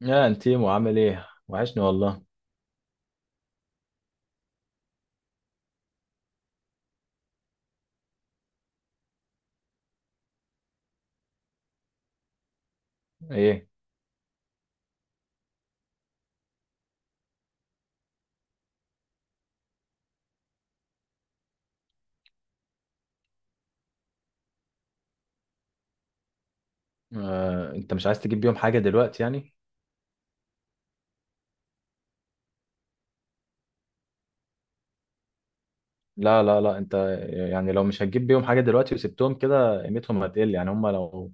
يا انتيمو، عامل ايه؟ وحشني والله. ايه؟ آه، انت مش عايز تجيب بيهم حاجه دلوقتي يعني؟ لا لا لا، انت يعني لو مش هتجيب بيهم حاجه دلوقتي وسبتهم كده قيمتهم هتقل. يعني هم لو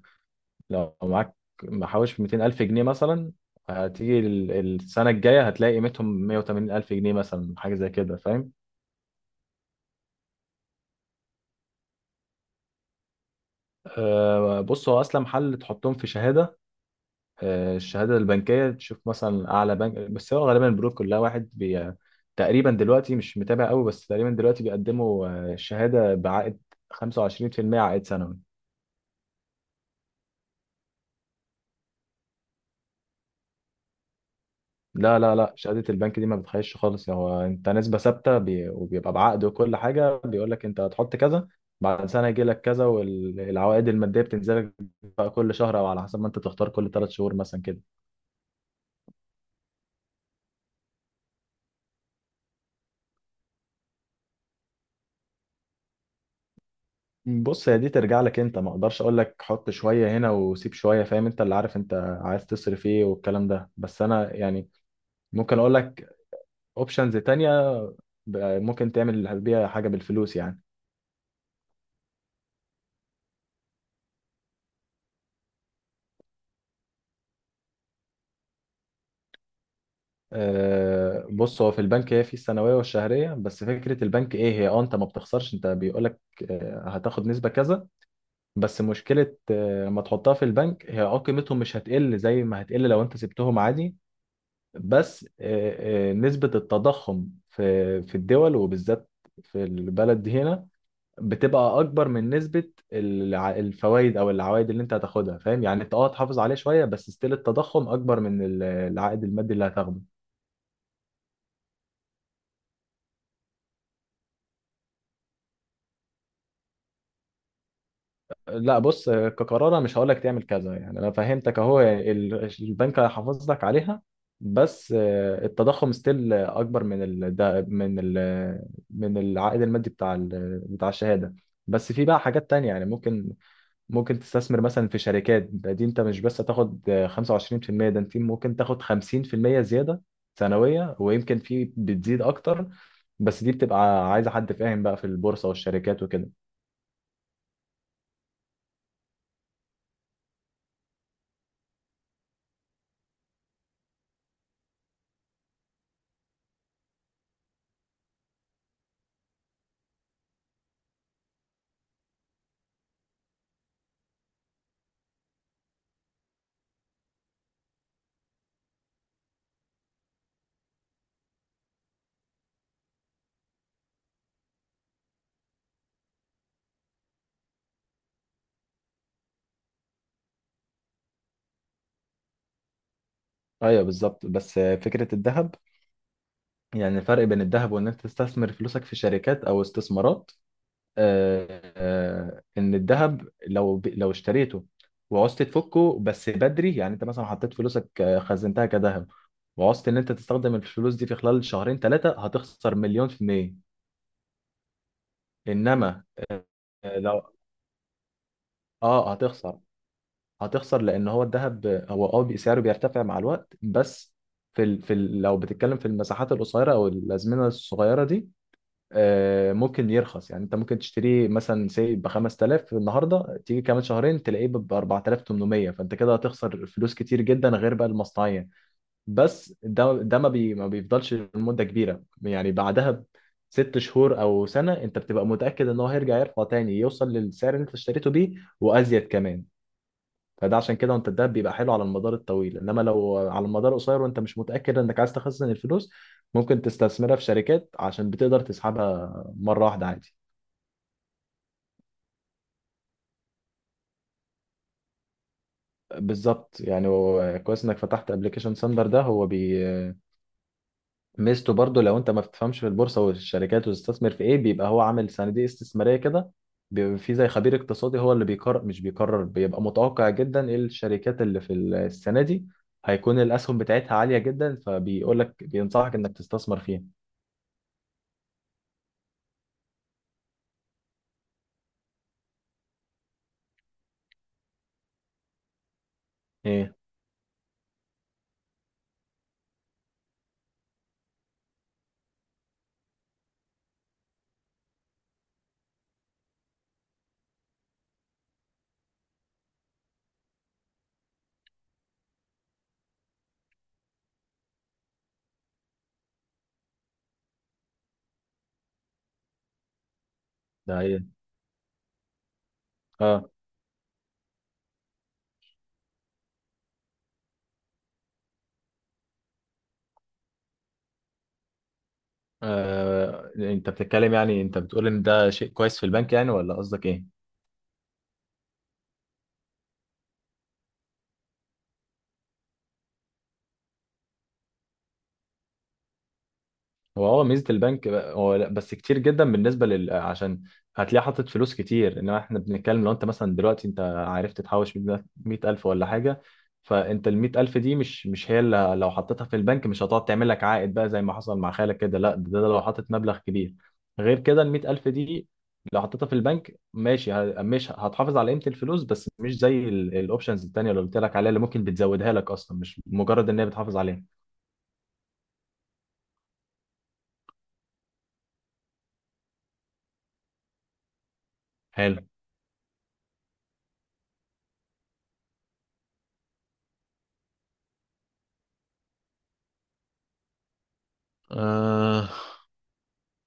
لو معاك محوش 200000 جنيه مثلا، هتيجي السنه الجايه هتلاقي قيمتهم 180000 جنيه مثلا، حاجه زي كده فاهم؟ آه، بص هو اصلا محل تحطهم في شهاده. آه، الشهادة البنكية تشوف مثلا أعلى بنك، بس هو غالبا البنوك كلها واحد بي تقريبا، دلوقتي مش متابع قوي، بس تقريبا دلوقتي بيقدموا شهادة بعائد 25% عائد سنوي. لا لا لا، شهادة البنك دي ما بتخيش خالص. يعني هو أنت نسبة ثابتة وبيبقى بعقد وكل حاجة، بيقول لك أنت هتحط كذا، بعد سنة يجي لك كذا، والعوائد المادية بتنزل لك بقى كل شهر أو على حسب ما أنت تختار، كل ثلاث شهور مثلا كده. بص هي دي ترجع لك انت، ما اقدرش اقول لك حط شويه هنا وسيب شويه، فاهم؟ انت اللي عارف انت عايز تصرف ايه والكلام ده. بس انا يعني ممكن اقول لك اوبشنز تانية ممكن تعمل بيها حاجه بالفلوس يعني. أه بص، هو في البنك هي في السنويه والشهريه بس. فكره البنك ايه؟ هي اه انت ما بتخسرش، انت بيقول لك آه، هتاخد نسبه كذا، بس مشكله لما تحطها في البنك هي اه قيمتهم مش هتقل زي ما هتقل لو انت سبتهم عادي. بس نسبة التضخم في الدول، وبالذات في البلد دي هنا، بتبقى أكبر من نسبة الفوائد أو العوائد اللي أنت هتاخدها، فاهم؟ يعني أنت أه تحافظ عليه شوية بس ستيل التضخم أكبر من العائد المادي اللي هتاخده. لا بص، كقرار أنا مش هقول لك تعمل كذا، يعني انا فهمتك اهو، يعني البنك هيحافظ لك عليها، بس آه، التضخم ستيل اكبر من ال ده- من ال من العائد المادي بتاع بتاع الشهاده. بس في بقى حاجات تانية يعني ممكن ممكن تستثمر مثلا في شركات. دي انت مش بس هتاخد 25%، ده انت ممكن تاخد 50% زياده سنويه، ويمكن في بتزيد اكتر. بس دي بتبقى عايزه حد فاهم بقى في البورصه والشركات وكده. ايوه بالظبط، بس فكره الذهب، يعني الفرق بين الذهب وان انت تستثمر فلوسك في شركات او استثمارات، ان الذهب لو لو اشتريته وعوزت تفكه بس بدري، يعني انت مثلا حطيت فلوسك، خزنتها كذهب، وعوزت ان انت تستخدم الفلوس دي في خلال شهرين ثلاثة، هتخسر مليون في المية. انما آه، لو اه هتخسر، هتخسر لان هو الذهب هو اه سعره بيرتفع مع الوقت، بس لو بتتكلم في المساحات القصيرة او الازمنة الصغيرة دي، ممكن يرخص. يعني انت ممكن تشتريه مثلا سي ب 5000 النهارده، تيجي كمان شهرين تلاقيه ب 4800، فانت كده هتخسر فلوس كتير جدا غير بقى المصنعيه. بس ده ما بيفضلش لمده كبيره، يعني بعدها ب ست شهور او سنه انت بتبقى متاكد ان هو هيرجع يرفع تاني، يوصل للسعر اللي انت اشتريته بيه وازيد كمان. فده عشان كده، وانت الدهب بيبقى حلو على المدار الطويل، انما لو على المدار القصير وانت مش متاكد انك عايز تخزن الفلوس، ممكن تستثمرها في شركات عشان بتقدر تسحبها مره واحده عادي. بالظبط. يعني هو كويس انك فتحت ابلكيشن ساندر ده، هو بي ميزته برضو لو انت ما بتفهمش في البورصه والشركات وتستثمر في ايه، بيبقى هو عامل صناديق استثماريه كده، بيبقى في زي خبير اقتصادي هو اللي بيقرر، مش بيقرر، بيبقى متوقع جدا ايه الشركات اللي في السنه دي هيكون الاسهم بتاعتها عاليه جدا، فبيقول لك بينصحك انك تستثمر فيها. ايه ده؟ ايه؟ اه. آه. انت بتتكلم، يعني انت بتقول ان ده شيء كويس في البنك يعني؟ ولا قصدك ايه؟ هو اه ميزه البنك بقى- هو لا بس كتير جدا بالنسبه لل عشان هتلاقي حاطط فلوس كتير. انما احنا بنتكلم لو انت مثلا دلوقتي انت عرفت تحوش 100000 ولا حاجه، فانت ال 100000 دي مش هي اللي لو حطيتها في البنك مش هتقعد تعمل لك عائد بقى زي ما حصل مع خالك كده. لا ده لو حاطط مبلغ كبير. غير كده ال 100000 دي لو حطيتها في البنك ماشي، مش هتحافظ على قيمه الفلوس بس، مش زي الاوبشنز التانيه اللي قلت لك عليها اللي ممكن بتزودها لك اصلا، مش مجرد ان هي بتحافظ عليها. حلو. أه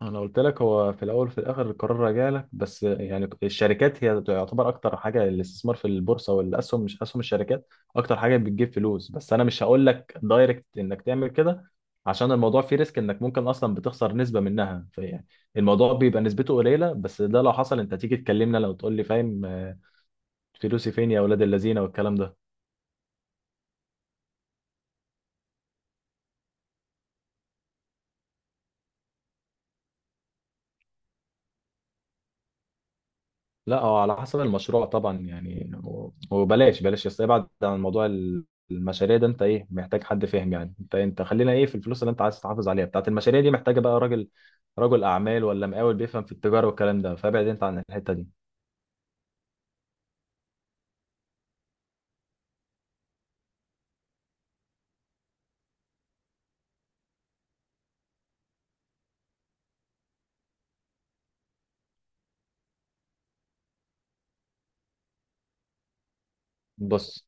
انا قلت لك، هو في الاول وفي الاخر القرار راجع لك، بس يعني الشركات هي تعتبر اكتر حاجه، الاستثمار في البورصه والاسهم، مش اسهم، الشركات اكتر حاجه بتجيب فلوس، بس انا مش هقول لك دايركت انك تعمل كده عشان الموضوع فيه ريسك، انك ممكن اصلا بتخسر نسبه منها. فيعني الموضوع بيبقى نسبته قليله، بس ده لو حصل انت تيجي تكلمنا، لو تقول لي فاهم فلوسي فين يا اولاد اللذينه والكلام ده. لا هو على حسب المشروع طبعا. يعني وبلاش يس ابعد عن موضوع المشاريع ده. انت ايه؟ محتاج حد فاهم. يعني انت انت خلينا ايه في الفلوس اللي انت عايز تحافظ عليها. بتاعت المشاريع دي محتاجه بقى رجل اعمال ولا مقاول بيفهم في التجاره والكلام ده، فابعد انت عن الحته دي. بص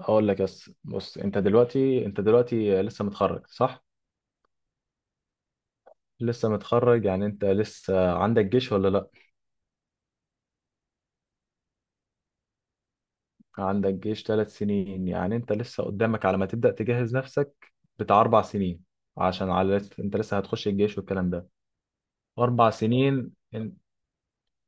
هقول لك، بس بص انت دلوقتي، انت دلوقتي لسه متخرج صح؟ لسه متخرج، يعني انت لسه عندك جيش ولا لا؟ عندك جيش ثلاث سنين، يعني انت لسه قدامك على ما تبدأ تجهز نفسك بتاع اربع سنين، عشان انت لسه هتخش الجيش والكلام ده. اربع سنين ان-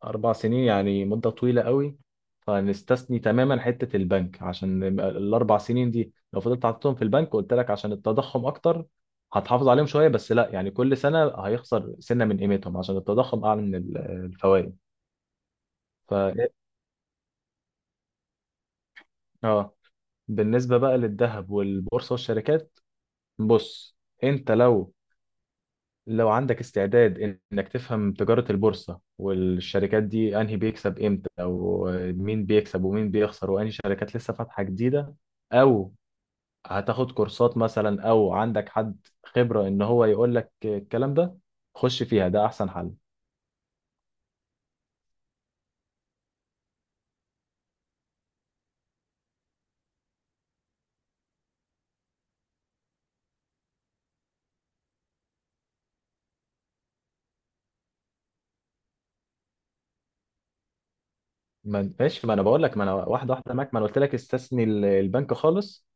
اربع سنين يعني مدة طويلة قوي. فنستثني تماما حتة البنك، عشان الاربع سنين دي لو فضلت حاططهم في البنك، قلت لك عشان التضخم اكتر، هتحافظ عليهم شوية بس لا، يعني كل سنة هيخسر سنة من قيمتهم عشان التضخم اعلى من الفوائد. ف إيه، اه بالنسبة بقى للذهب والبورصة والشركات، بص انت لو لو عندك استعداد انك تفهم تجارة البورصة والشركات دي، انهي بيكسب امتى، او مين بيكسب ومين بيخسر، وانهي شركات لسه فاتحة جديدة، او هتاخد كورسات مثلا، او عندك حد خبرة ان هو يقول لك الكلام ده، خش فيها، ده احسن حل. ما ماشي ما انا بقول لك، ما انا واحدة واحدة معاك، ما انا قلت لك استثني البنك خالص.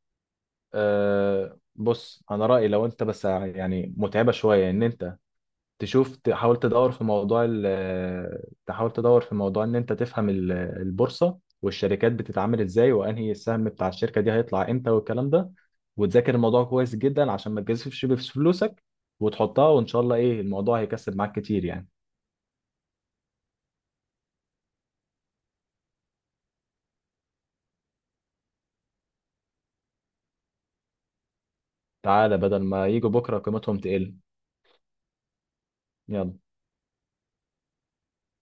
أه بص، انا رأيي لو انت بس يعني متعبة شوية ان انت تشوف، تحاول تدور في موضوع ال، تحاول تدور في موضوع ان انت تفهم البورصة والشركات بتتعامل ازاي، وانهي السهم بتاع الشركة دي هيطلع امتى، والكلام ده، وتذاكر الموضوع كويس جدا عشان ما تجازفش بفلوسك وتحطها، وان شاء الله ايه الموضوع هيكسب معاك كتير يعني. تعالى بدل ما يجوا بكرة قيمتهم تقل. يلا.